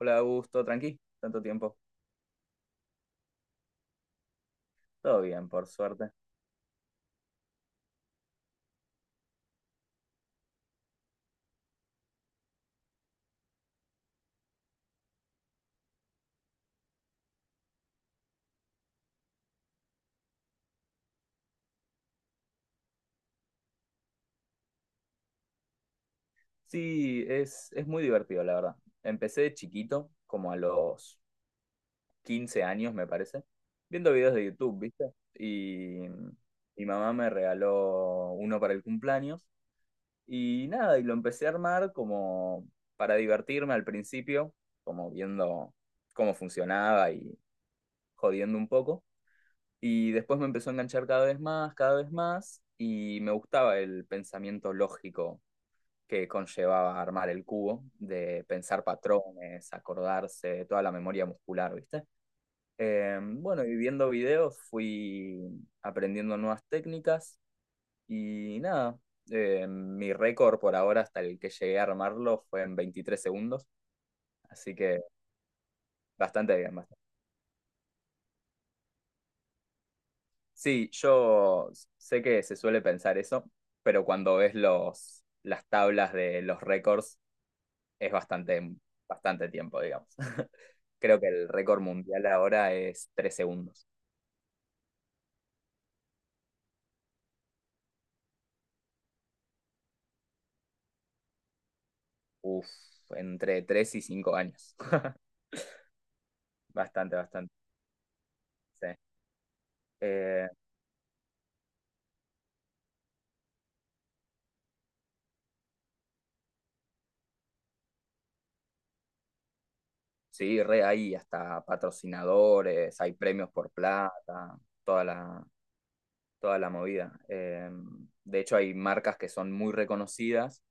Hola, Augusto, tranqui, tanto tiempo. Todo bien, por suerte. Sí, es muy divertido, la verdad. Empecé de chiquito, como a los 15 años, me parece, viendo videos de YouTube, ¿viste? Y mi mamá me regaló uno para el cumpleaños. Y nada, y lo empecé a armar como para divertirme al principio, como viendo cómo funcionaba y jodiendo un poco. Y después me empezó a enganchar cada vez más, y me gustaba el pensamiento lógico que conllevaba armar el cubo, de pensar patrones, acordarse, toda la memoria muscular, ¿viste? Bueno, y viendo videos fui aprendiendo nuevas técnicas y nada, mi récord por ahora hasta el que llegué a armarlo fue en 23 segundos, así que bastante bien. Bastante. Sí, yo sé que se suele pensar eso, pero cuando ves las tablas de los récords es bastante, bastante tiempo, digamos. Creo que el récord mundial ahora es 3 segundos. Uf, entre 3 y 5 años. Bastante, bastante. Sí. Eh, sí, re hay hasta patrocinadores, hay premios por plata, toda la, toda la movida. De hecho, hay marcas que son muy reconocidas,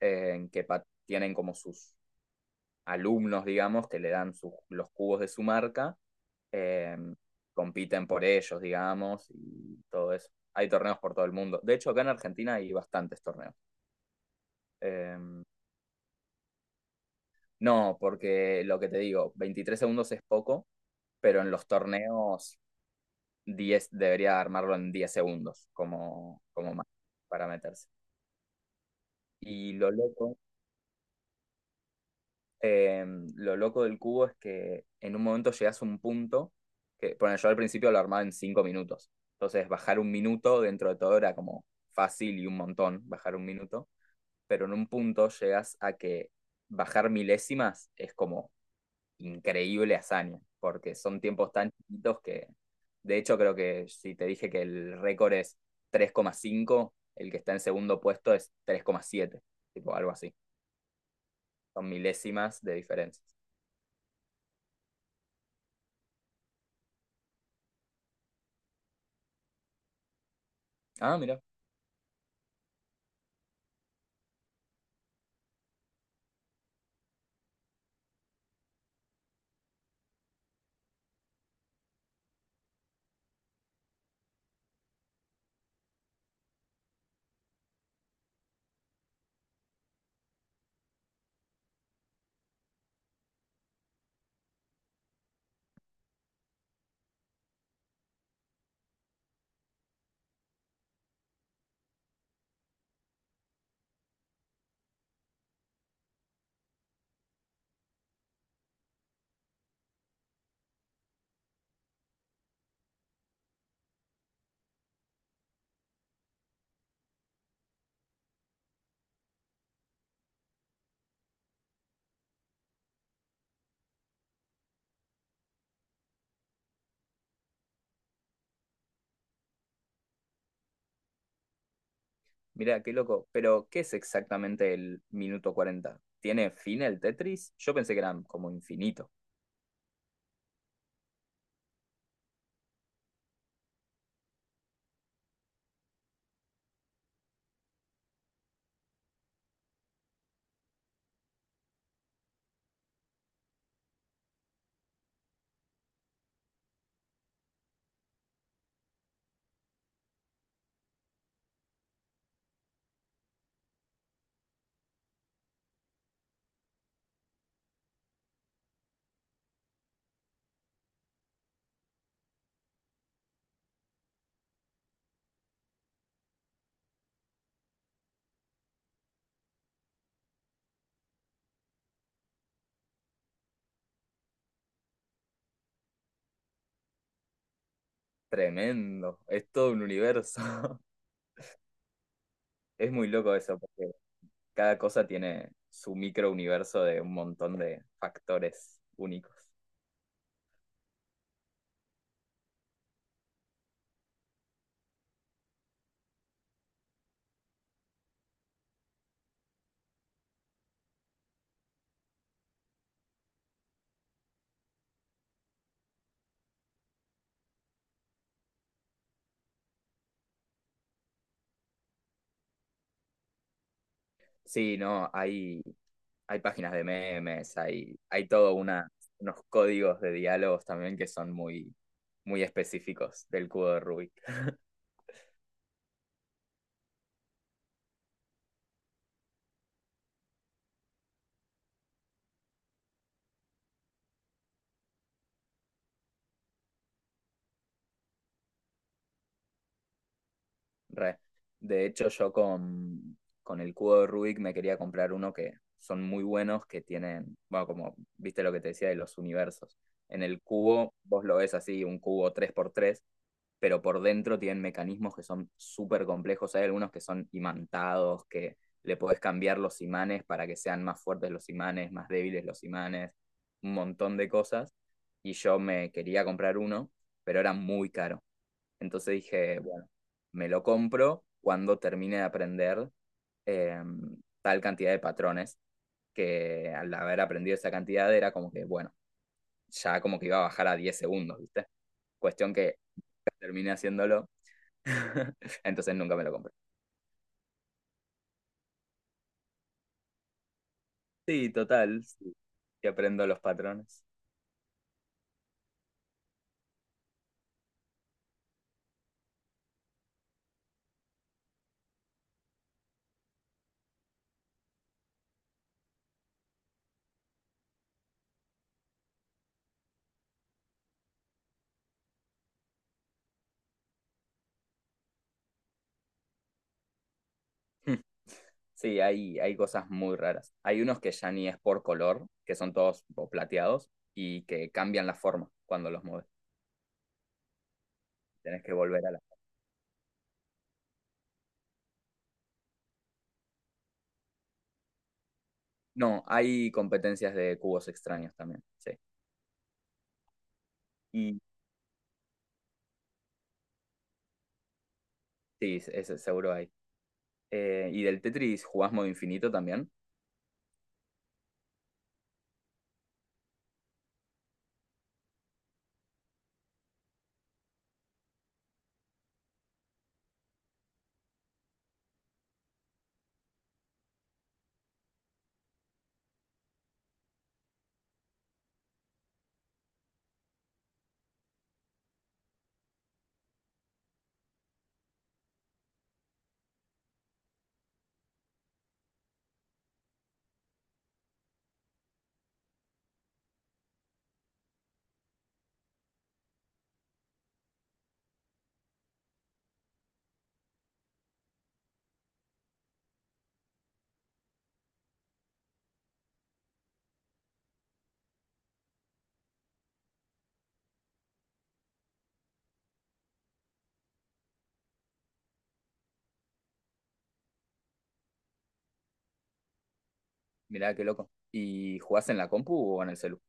que tienen como sus alumnos, digamos, que le dan los cubos de su marca, eh, compiten por ellos, digamos, y todo eso. Hay torneos por todo el mundo. De hecho, acá en Argentina hay bastantes torneos. Eh, no, porque lo que te digo, 23 segundos es poco, pero en los torneos 10 debería armarlo en 10 segundos como más para meterse. Y lo loco eh, lo loco del cubo es que en un momento llegas a un punto que, bueno, yo al principio lo armaba en 5 minutos. Entonces, bajar un minuto dentro de todo era como fácil y un montón, bajar un minuto. Pero en un punto llegas a que bajar milésimas es como increíble hazaña, porque son tiempos tan chiquitos que, de hecho, creo que si te dije que el récord es 3,5, el que está en segundo puesto es 3,7, tipo algo así. Son milésimas de diferencias. Ah, mira. Mirá, qué loco. Pero, ¿qué es exactamente el minuto 40? ¿Tiene fin el Tetris? Yo pensé que era como infinito. Tremendo. Es todo un universo. Es muy loco eso, porque cada cosa tiene su micro universo de un montón de factores únicos. Sí, no, hay páginas de memes, hay, hay todo unos códigos de diálogos también que son muy, muy específicos del cubo de Rubik. Re. De hecho, yo con el cubo de Rubik me quería comprar uno que son muy buenos, que tienen, bueno, como viste lo que te decía de los universos. En el cubo, vos lo ves así, un cubo 3x3, pero por dentro tienen mecanismos que son súper complejos. Hay algunos que son imantados, que le podés cambiar los imanes para que sean más fuertes los imanes, más débiles los imanes, un montón de cosas. Y yo me quería comprar uno, pero era muy caro. Entonces dije, bueno, me lo compro cuando termine de aprender eh, tal cantidad de patrones, que al haber aprendido esa cantidad era como que, bueno, ya como que iba a bajar a 10 segundos, ¿viste? Cuestión que terminé haciéndolo, entonces nunca me lo compré. Sí, total, sí, que aprendo los patrones. Sí, hay cosas muy raras. Hay unos que ya ni es por color, que son todos tipo, plateados y que cambian la forma cuando los mueves. Tenés que volver a la. No, hay competencias de cubos extraños también, sí. Y sí, ese seguro hay. Y del Tetris jugás modo infinito también. Mirá, qué loco. ¿Y jugás en la compu o en el celu?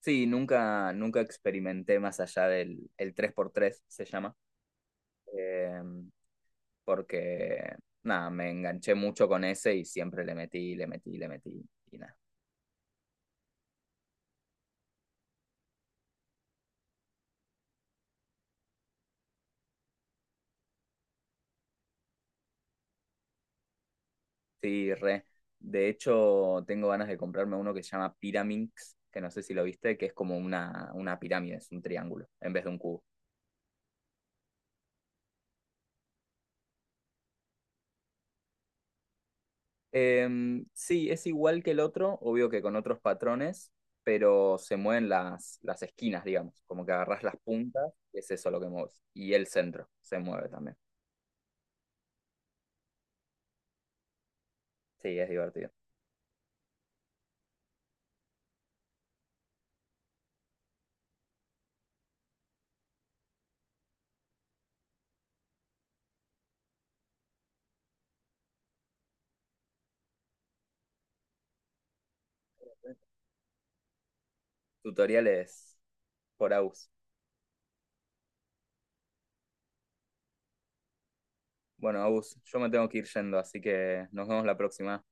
Sí, nunca, nunca experimenté más allá del el 3x3, se llama. Eh, Porque, nada, me enganché mucho con ese y siempre le metí, le metí, le metí y nada. Sí, re. De hecho, tengo ganas de comprarme uno que se llama Pyraminx, que no sé si lo viste, que es como una pirámide, es un triángulo en vez de un cubo. Sí, es igual que el otro, obvio que con otros patrones, pero se mueven las esquinas, digamos, como que agarras las puntas, y es eso lo que mueves. Y el centro se mueve también. Sí, es divertido. Tutoriales por Agus. Bueno, Agus, yo me tengo que ir yendo, así que nos vemos la próxima.